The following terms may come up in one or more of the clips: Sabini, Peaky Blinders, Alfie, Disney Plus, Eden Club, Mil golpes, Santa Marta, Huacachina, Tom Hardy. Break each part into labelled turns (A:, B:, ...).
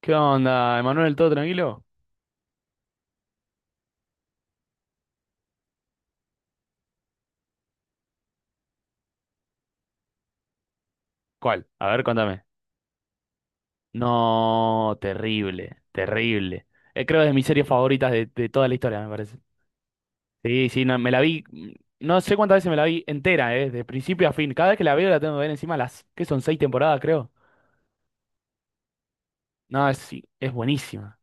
A: ¿Qué onda, Emanuel? ¿Todo tranquilo? ¿Cuál? A ver, contame. No, terrible, terrible. Creo que es de mis series favoritas de toda la historia, me parece. Sí, sí, no, me la vi, no sé cuántas veces me la vi entera, de principio a fin. Cada vez que la veo la tengo que ver encima las, que son seis temporadas, creo. No, es, sí, es buenísima.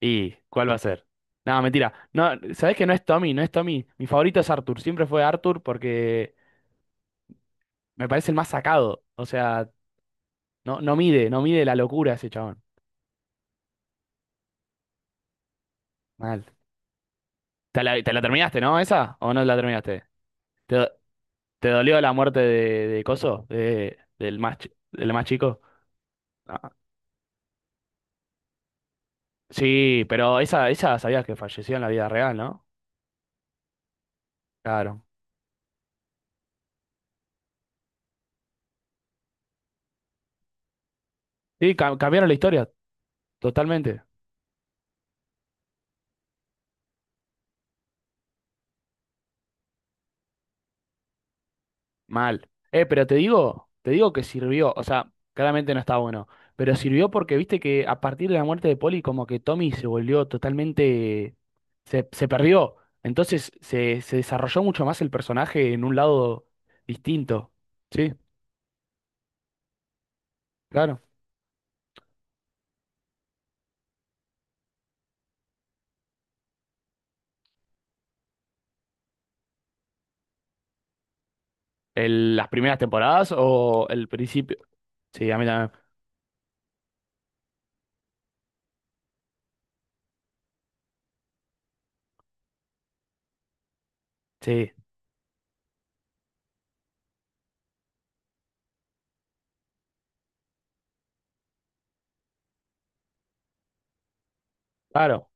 A: ¿Y cuál va a ser? No, mentira. No, ¿sabés que no es Tommy? No es Tommy. Mi favorito es Arthur. Siempre fue Arthur porque me parece el más sacado. O sea, no, no mide, no mide la locura ese chabón. Mal. Te la terminaste, no? ¿Esa? ¿O no la terminaste? ¿Te, do- ¿Te dolió la muerte de Coso? Del más, del más chico. Ah, sí, pero esa sabías que falleció en la vida real, ¿no? Claro. Sí, cambiaron la historia totalmente. Mal. Pero te digo que sirvió, o sea, claramente no está bueno, pero sirvió porque viste que a partir de la muerte de Polly como que Tommy se volvió totalmente, se perdió, entonces se desarrolló mucho más el personaje en un lado distinto. Sí, claro. Las primeras temporadas o el principio. Sí, a mí también. Sí, claro.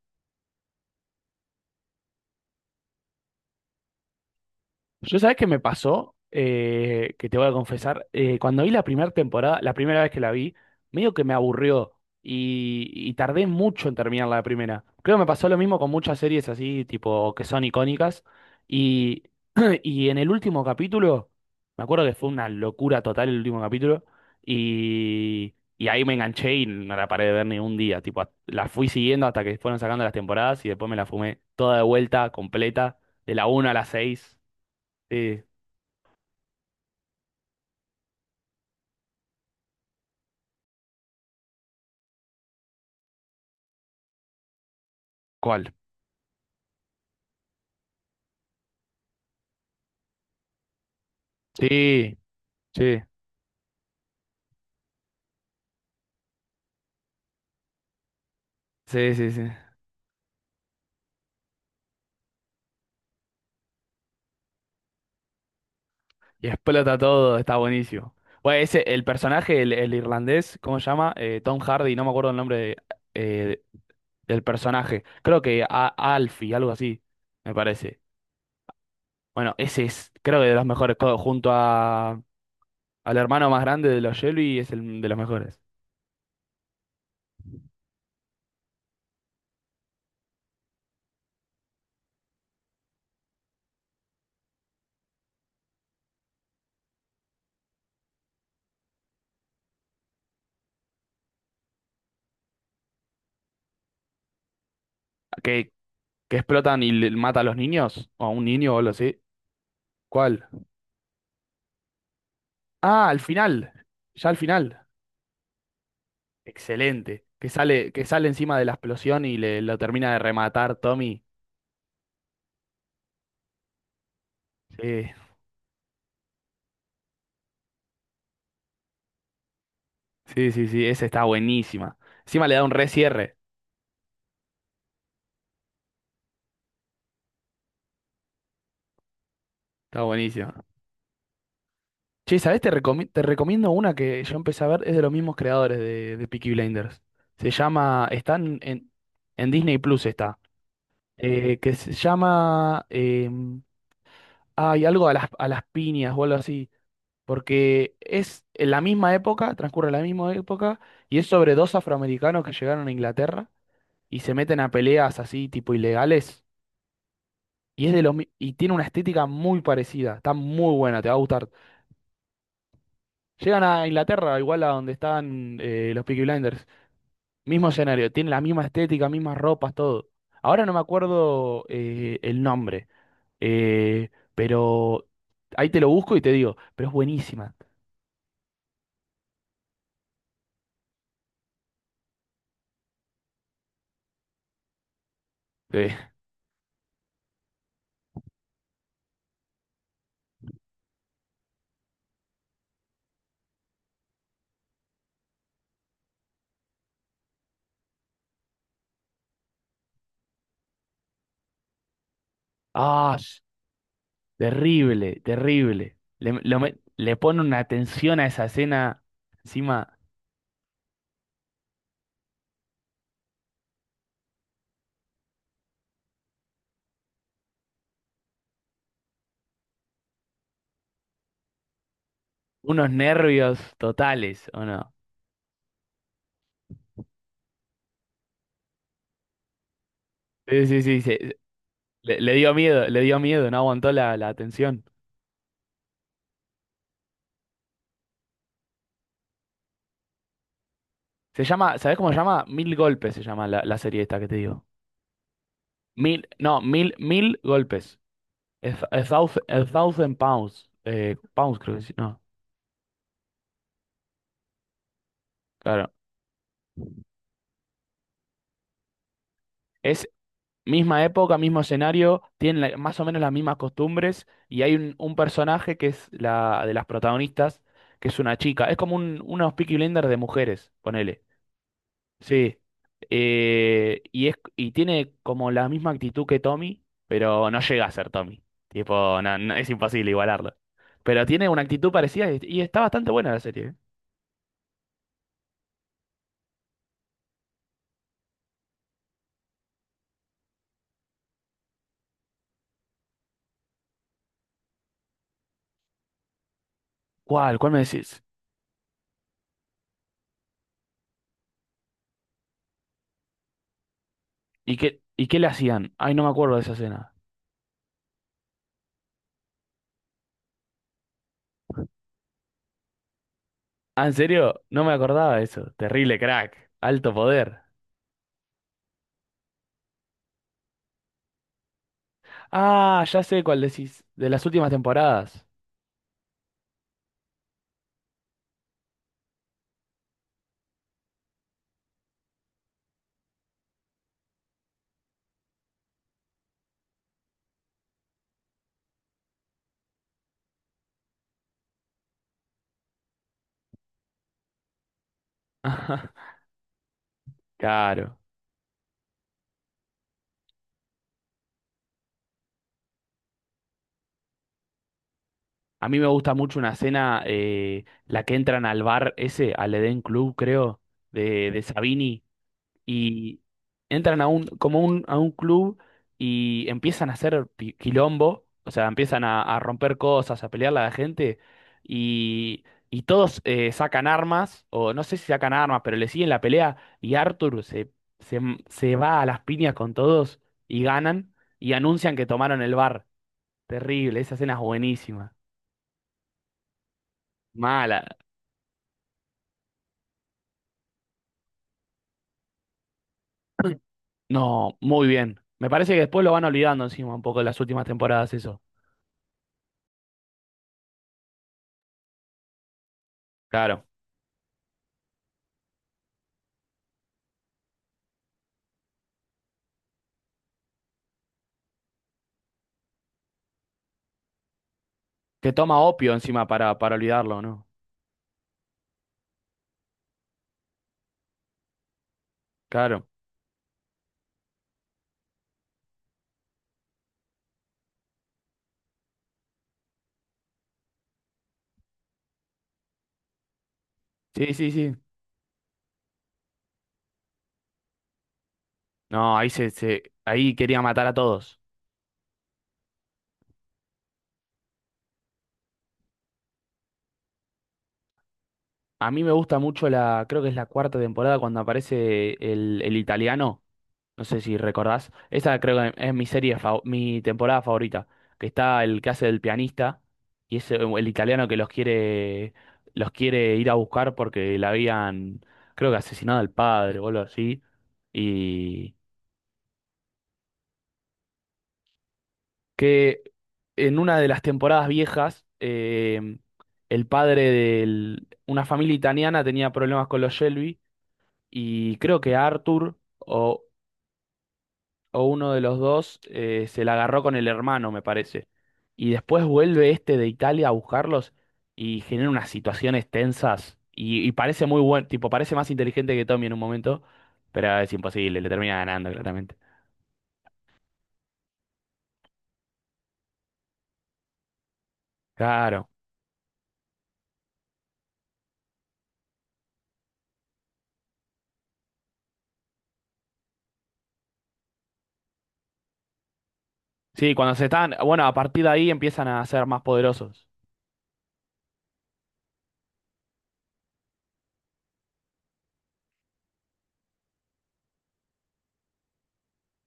A: Yo sabés que me pasó. Que te voy a confesar, cuando vi la primera temporada, la primera vez que la vi, medio que me aburrió y tardé mucho en terminar la primera. Creo que me pasó lo mismo con muchas series así, tipo, que son icónicas. Y, y en el último capítulo, me acuerdo que fue una locura total el último capítulo, y ahí me enganché y no la paré de ver ni un día. Tipo, la fui siguiendo hasta que fueron sacando las temporadas y después me la fumé toda de vuelta, completa, de la 1 a la 6. Sí, ¿cuál? Sí, sí, sí, sí, sí. Y explota todo, está buenísimo. Bueno, ese, el personaje, el irlandés, ¿cómo se llama? Tom Hardy, no me acuerdo el nombre eh, del personaje. Creo que a, Alfie, algo así, me parece. Bueno, ese es, creo que de los mejores, junto a, al hermano más grande de los Shelby, es el de los mejores. Que, que explotan y mata a los niños, o a un niño o algo así. ¿Cuál? Ah, al final, ya al final. Excelente. Que sale encima de la explosión y le, lo termina de rematar Tommy. Sí, sí, sí, sí, esa está buenísima. Encima le da un recierre. Está buenísimo. Che, ¿sabés? Te recomiendo una que yo empecé a ver, es de los mismos creadores de Peaky Blinders. Se llama, está en, en Disney Plus está. Que se llama, hay algo a las piñas o algo así. Porque es en la misma época, transcurre la misma época, y es sobre dos afroamericanos que llegaron a Inglaterra y se meten a peleas así tipo ilegales y es de los mi- y tiene una estética muy parecida, está muy buena, te va a gustar. Llegan a Inglaterra, igual a donde están los Peaky Blinders, mismo escenario, tiene la misma estética, mismas ropas, todo. Ahora no me acuerdo el nombre, eh, pero ahí te lo busco y te digo, pero es buenísima. Eh, es terrible, terrible. Le, le pone una tensión a esa escena, encima, unos nervios totales, ¿o no? Sí, sí, sí, le, le dio miedo, no aguantó la, la atención. Se llama, ¿sabés cómo se llama? Mil golpes se llama la, la serie esta que te digo. Mil, no, mil, mil golpes. A, a thousand pounds. Pounds creo que sí, no, claro. Es misma época, mismo escenario, tienen más o menos las mismas costumbres y hay un personaje que es la de las protagonistas, que es una chica. Es como un, unos Peaky Blinders de mujeres, ponele. Sí, y, es, y tiene como la misma actitud que Tommy, pero no llega a ser Tommy. Tipo, no, es imposible igualarlo. Pero tiene una actitud parecida y está bastante buena la serie, ¿eh? ¿Cuál? ¿Cuál me decís? Y qué le hacían? Ay, no me acuerdo de esa escena. Ah, ¿en serio? No me acordaba de eso. Terrible crack. Alto poder. Ah, ya sé cuál decís. De las últimas temporadas. Claro. A mí me gusta mucho una escena, la que entran al bar ese, al Eden Club, creo, de Sabini, y entran a un, como un, a un club y empiezan a hacer quilombo, o sea, empiezan a romper cosas, a pelearle a la gente, y, y todos sacan armas, o no sé si sacan armas, pero le siguen la pelea, y Arthur se, se, se va a las piñas con todos y ganan, y anuncian que tomaron el bar. Terrible, esa escena es buenísima. Mala. No, muy bien. Me parece que después lo van olvidando encima un poco en las últimas temporadas eso. Claro. Que toma opio encima para olvidarlo, ¿no? Claro. Sí, sí, sí. No, ahí se, se, ahí quería matar a todos. A mí me gusta mucho la, creo que es la cuarta temporada cuando aparece el italiano. No sé si recordás. Esa creo que es mi serie, mi temporada favorita. Que está el que hace del pianista y es el italiano que los quiere ir a buscar porque le habían, creo que asesinado al padre o algo así. Y que en una de las temporadas viejas, el padre de una familia italiana tenía problemas con los Shelby y creo que Arthur. O uno de los dos se la agarró con el hermano, me parece. Y después vuelve este de Italia a buscarlos y genera unas situaciones tensas. Y parece muy buen, tipo, parece más inteligente que Tommy en un momento, pero es imposible, le termina ganando claramente. Claro. Sí, cuando se están, bueno, a partir de ahí empiezan a ser más poderosos.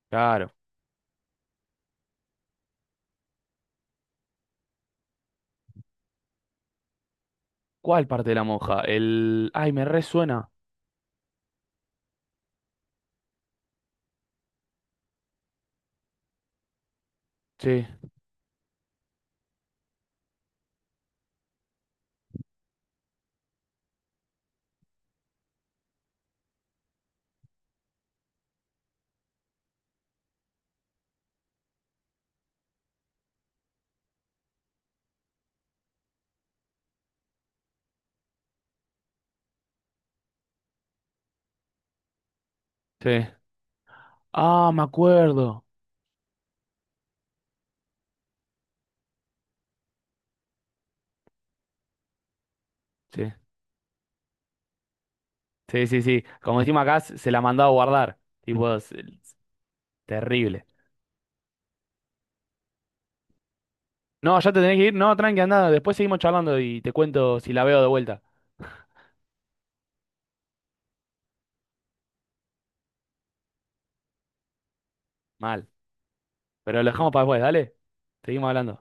A: Claro. ¿Cuál parte de la monja? El... Ay, me resuena. Sí, sí. Ah, me acuerdo. Sí, sí, sí, sí. Como decimos acá, se la mandó a guardar. Tipo, es terrible. No, ya te tenés que ir. No, tranqui, andá. Después seguimos charlando y te cuento si la veo de vuelta. Mal. Pero lo dejamos para después, dale. Seguimos hablando.